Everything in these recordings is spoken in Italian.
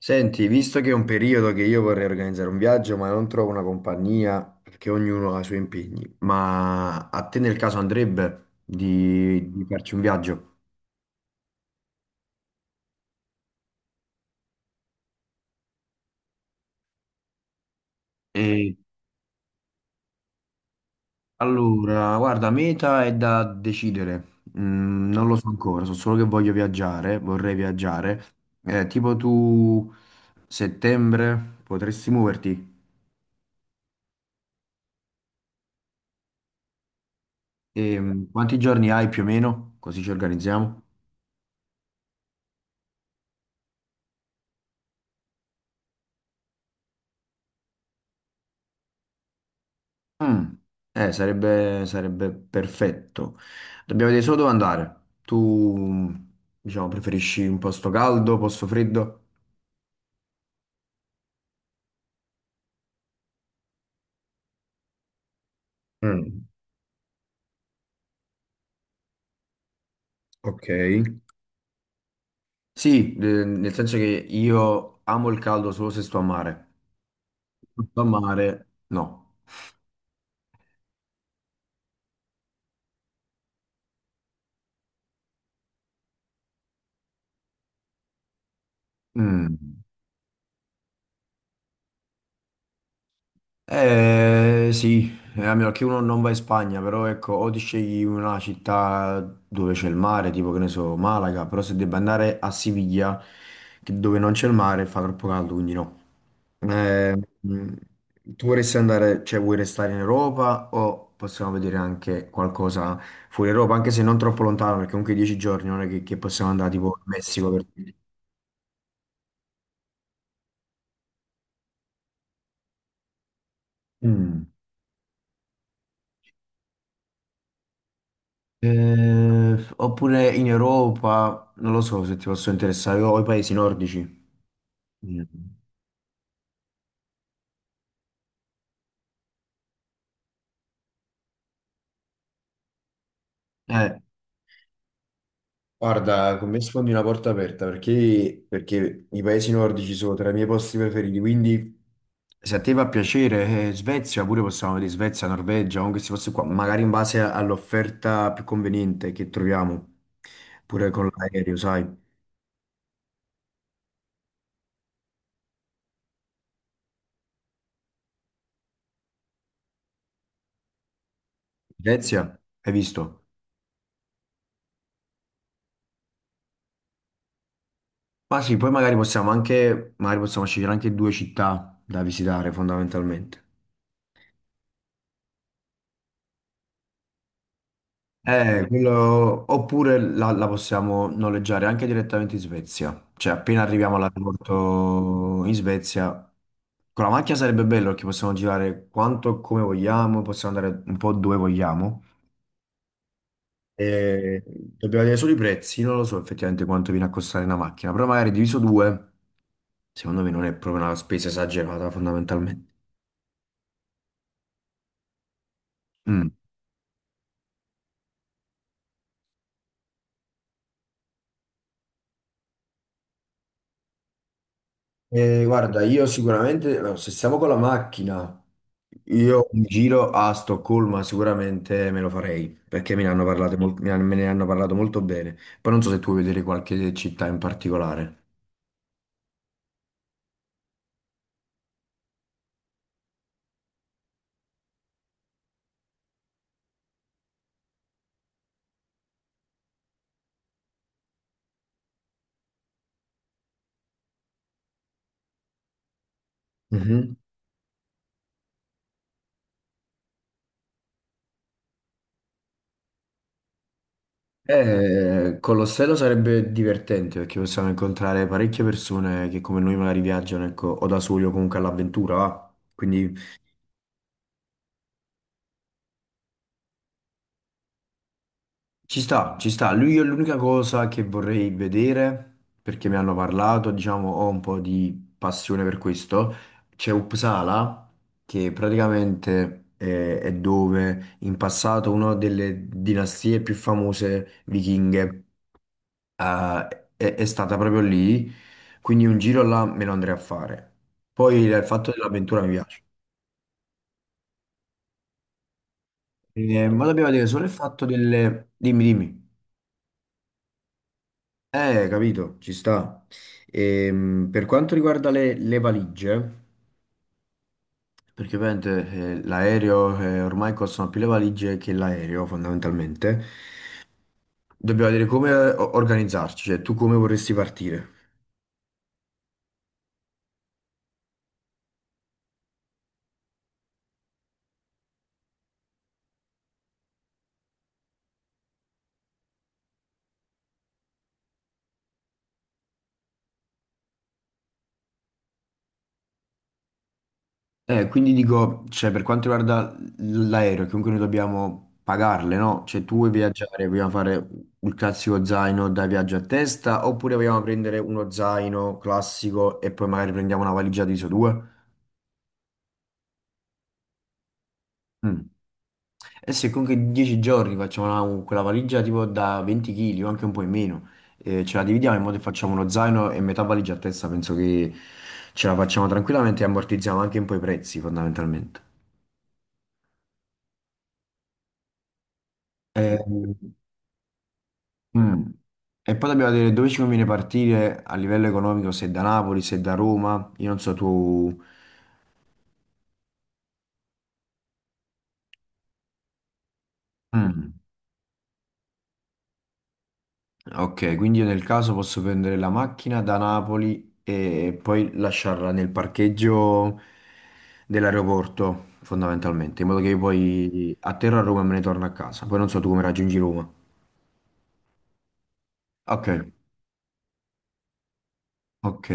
Senti, visto che è un periodo che io vorrei organizzare un viaggio, ma non trovo una compagnia perché ognuno ha i suoi impegni, ma a te nel caso andrebbe di farci un viaggio? E allora, guarda, meta è da decidere. Non lo so ancora, so solo che voglio viaggiare, vorrei viaggiare. Tipo tu settembre potresti muoverti e quanti giorni hai più o meno? Così ci organizziamo. Mm. Sarebbe perfetto. Dobbiamo vedere solo dove andare. Tu, diciamo, preferisci un posto caldo, posto freddo? Mm, ok. Sì, nel senso che io amo il caldo solo se sto a mare. Se sto a mare, no. Mm. Eh sì, a meno che uno non va in Spagna, però ecco, o ti scegli una città dove c'è il mare, tipo che ne so, Malaga, però se debba andare a Siviglia, dove non c'è il mare, fa troppo caldo, quindi no. Eh, mh, tu vorresti andare, cioè vuoi restare in Europa o possiamo vedere anche qualcosa fuori Europa, anche se non troppo lontano, perché comunque 10 giorni non è che possiamo andare tipo in Messico per dire. Mm. Oppure in Europa, non lo so se ti posso interessare, o i paesi nordici. Mm. Eh, guarda, con me sfondi una porta aperta perché i paesi nordici sono tra i miei posti preferiti, quindi se a te fa piacere, Svezia, pure possiamo vedere Svezia, Norvegia, o questi posti qua, magari in base all'offerta più conveniente che troviamo, pure con l'aereo, sai. Svezia, hai visto? Ma sì, poi magari possiamo anche, magari possiamo scegliere anche due città da visitare fondamentalmente. Oppure la possiamo noleggiare anche direttamente in Svezia. Cioè, appena arriviamo all'aeroporto in Svezia, con la macchina sarebbe bello perché possiamo girare quanto e come vogliamo, possiamo andare un po' dove vogliamo. E dobbiamo vedere solo i prezzi, non lo so effettivamente quanto viene a costare una macchina, però magari diviso due, secondo me non è proprio una spesa esagerata fondamentalmente. Mm. Guarda, io sicuramente, allora, se stiamo con la macchina, io un giro a Stoccolma sicuramente me lo farei, perché me ne hanno parlato, me ne hanno parlato molto bene. Poi non so se tu vuoi vedere qualche città in particolare. Mhm. Con l'ostello sarebbe divertente, perché possiamo incontrare parecchie persone che come noi magari viaggiano, ecco, o da soli o comunque all'avventura, va? Quindi ci sta, ci sta. Lui è l'unica cosa che vorrei vedere, perché mi hanno parlato, diciamo, ho un po' di passione per questo. C'è Uppsala, che praticamente è dove in passato una delle dinastie più famose vichinghe, eh, è stata proprio lì, quindi un giro là me lo andrei a fare. Poi il fatto dell'avventura mi piace. Ma dobbiamo dire solo il fatto delle... Dimmi, dimmi. Capito, ci sta. Per quanto riguarda le valigie, perché ovviamente l'aereo ormai costano più le valigie che l'aereo, fondamentalmente, dobbiamo vedere come organizzarci, cioè tu come vorresti partire. Quindi dico, cioè, per quanto riguarda l'aereo, comunque noi dobbiamo pagarle, no? Cioè tu vuoi viaggiare, vogliamo fare il classico zaino da viaggio a testa, oppure vogliamo prendere uno zaino classico e poi magari prendiamo una valigia di ISO 2? Eh sì, comunque 10 giorni facciamo quella valigia tipo da 20 kg o anche un po' in meno. Ce la dividiamo in modo che facciamo uno zaino e metà valigia a testa. Penso che ce la facciamo tranquillamente e ammortizziamo anche un po' i prezzi fondamentalmente. Eh, mm. E poi dobbiamo vedere dove ci conviene partire a livello economico, se da Napoli, se da Roma. Io non so tu... Mm. Ok, quindi io nel caso posso prendere la macchina da Napoli e poi lasciarla nel parcheggio dell'aeroporto, fondamentalmente, in modo che io poi atterro a Roma e me ne torno a casa. Poi non so tu come raggiungi Roma. Ok, ok.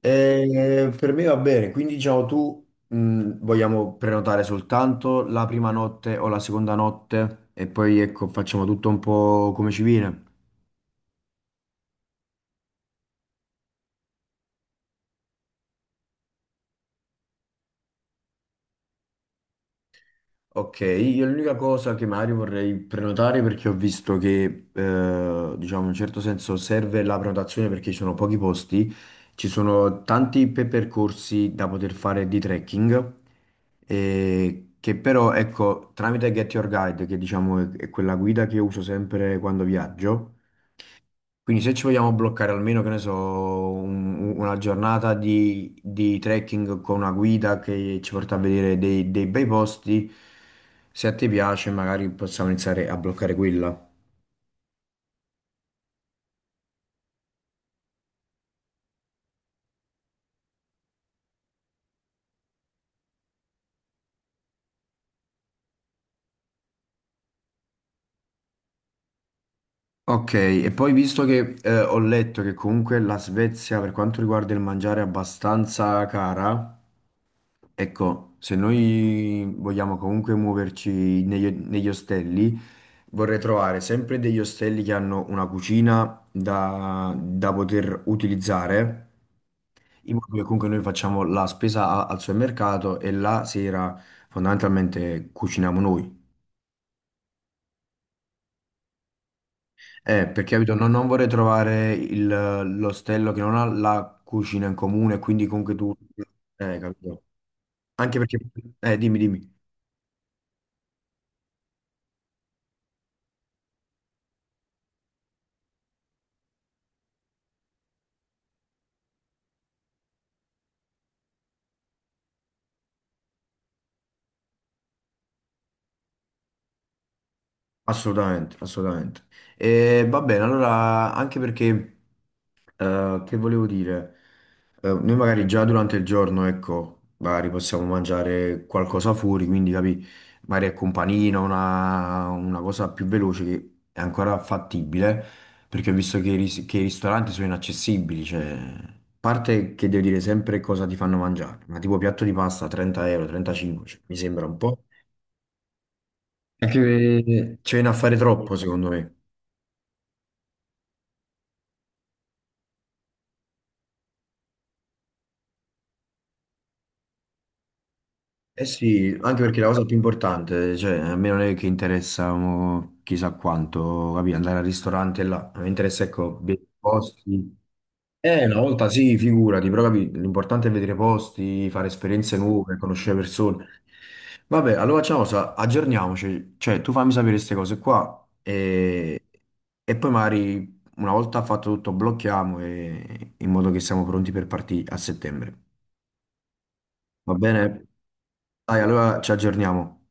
Per me va bene, quindi diciamo tu vogliamo prenotare soltanto la prima notte o la seconda notte e poi ecco facciamo tutto un po' come ci viene. Ok, io l'unica cosa che magari vorrei prenotare perché ho visto che, diciamo, in un certo senso serve la prenotazione perché ci sono pochi posti, ci sono tanti percorsi da poter fare di trekking, che però, ecco, tramite Get Your Guide, che diciamo è quella guida che uso sempre quando viaggio, quindi se ci vogliamo bloccare almeno, che ne so, una giornata di trekking con una guida che ci porta a vedere dei bei posti, se a te piace magari possiamo iniziare a bloccare quella. Ok, e poi visto che ho letto che comunque la Svezia per quanto riguarda il mangiare è abbastanza cara. Ecco, se noi vogliamo comunque muoverci negli ostelli, vorrei trovare sempre degli ostelli che hanno una cucina da poter utilizzare, in modo che comunque noi facciamo la spesa al supermercato e la sera fondamentalmente cuciniamo noi. Perché capito, non vorrei trovare l'ostello che non ha la cucina in comune, quindi comunque tu... Capito? Anche perché... Dimmi, dimmi. Assolutamente, assolutamente. E va bene, allora anche perché, che volevo dire, noi magari già durante il giorno, ecco, magari possiamo mangiare qualcosa fuori, quindi capi, magari è companino, una cosa più veloce che è ancora fattibile, perché ho visto che che i ristoranti sono inaccessibili, cioè, a parte che devo dire sempre cosa ti fanno mangiare, ma tipo piatto di pasta 30 euro, 35, cioè, mi sembra un po'... Anche che ci viene a fare troppo, secondo me. Eh sì, anche perché la cosa più importante, cioè, a me non è che interessa mo, chissà quanto, capì, andare al ristorante là, mi interessa, ecco, vedere i posti. Una volta sì, figurati, però capì, l'importante è vedere posti, fare esperienze nuove, conoscere persone. Vabbè, allora facciamo una cosa, aggiorniamoci, cioè tu fammi sapere queste cose qua e poi magari una volta fatto tutto blocchiamo in modo che siamo pronti per partire a settembre. Va bene? Dai, allora ci aggiorniamo.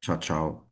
Ciao ciao.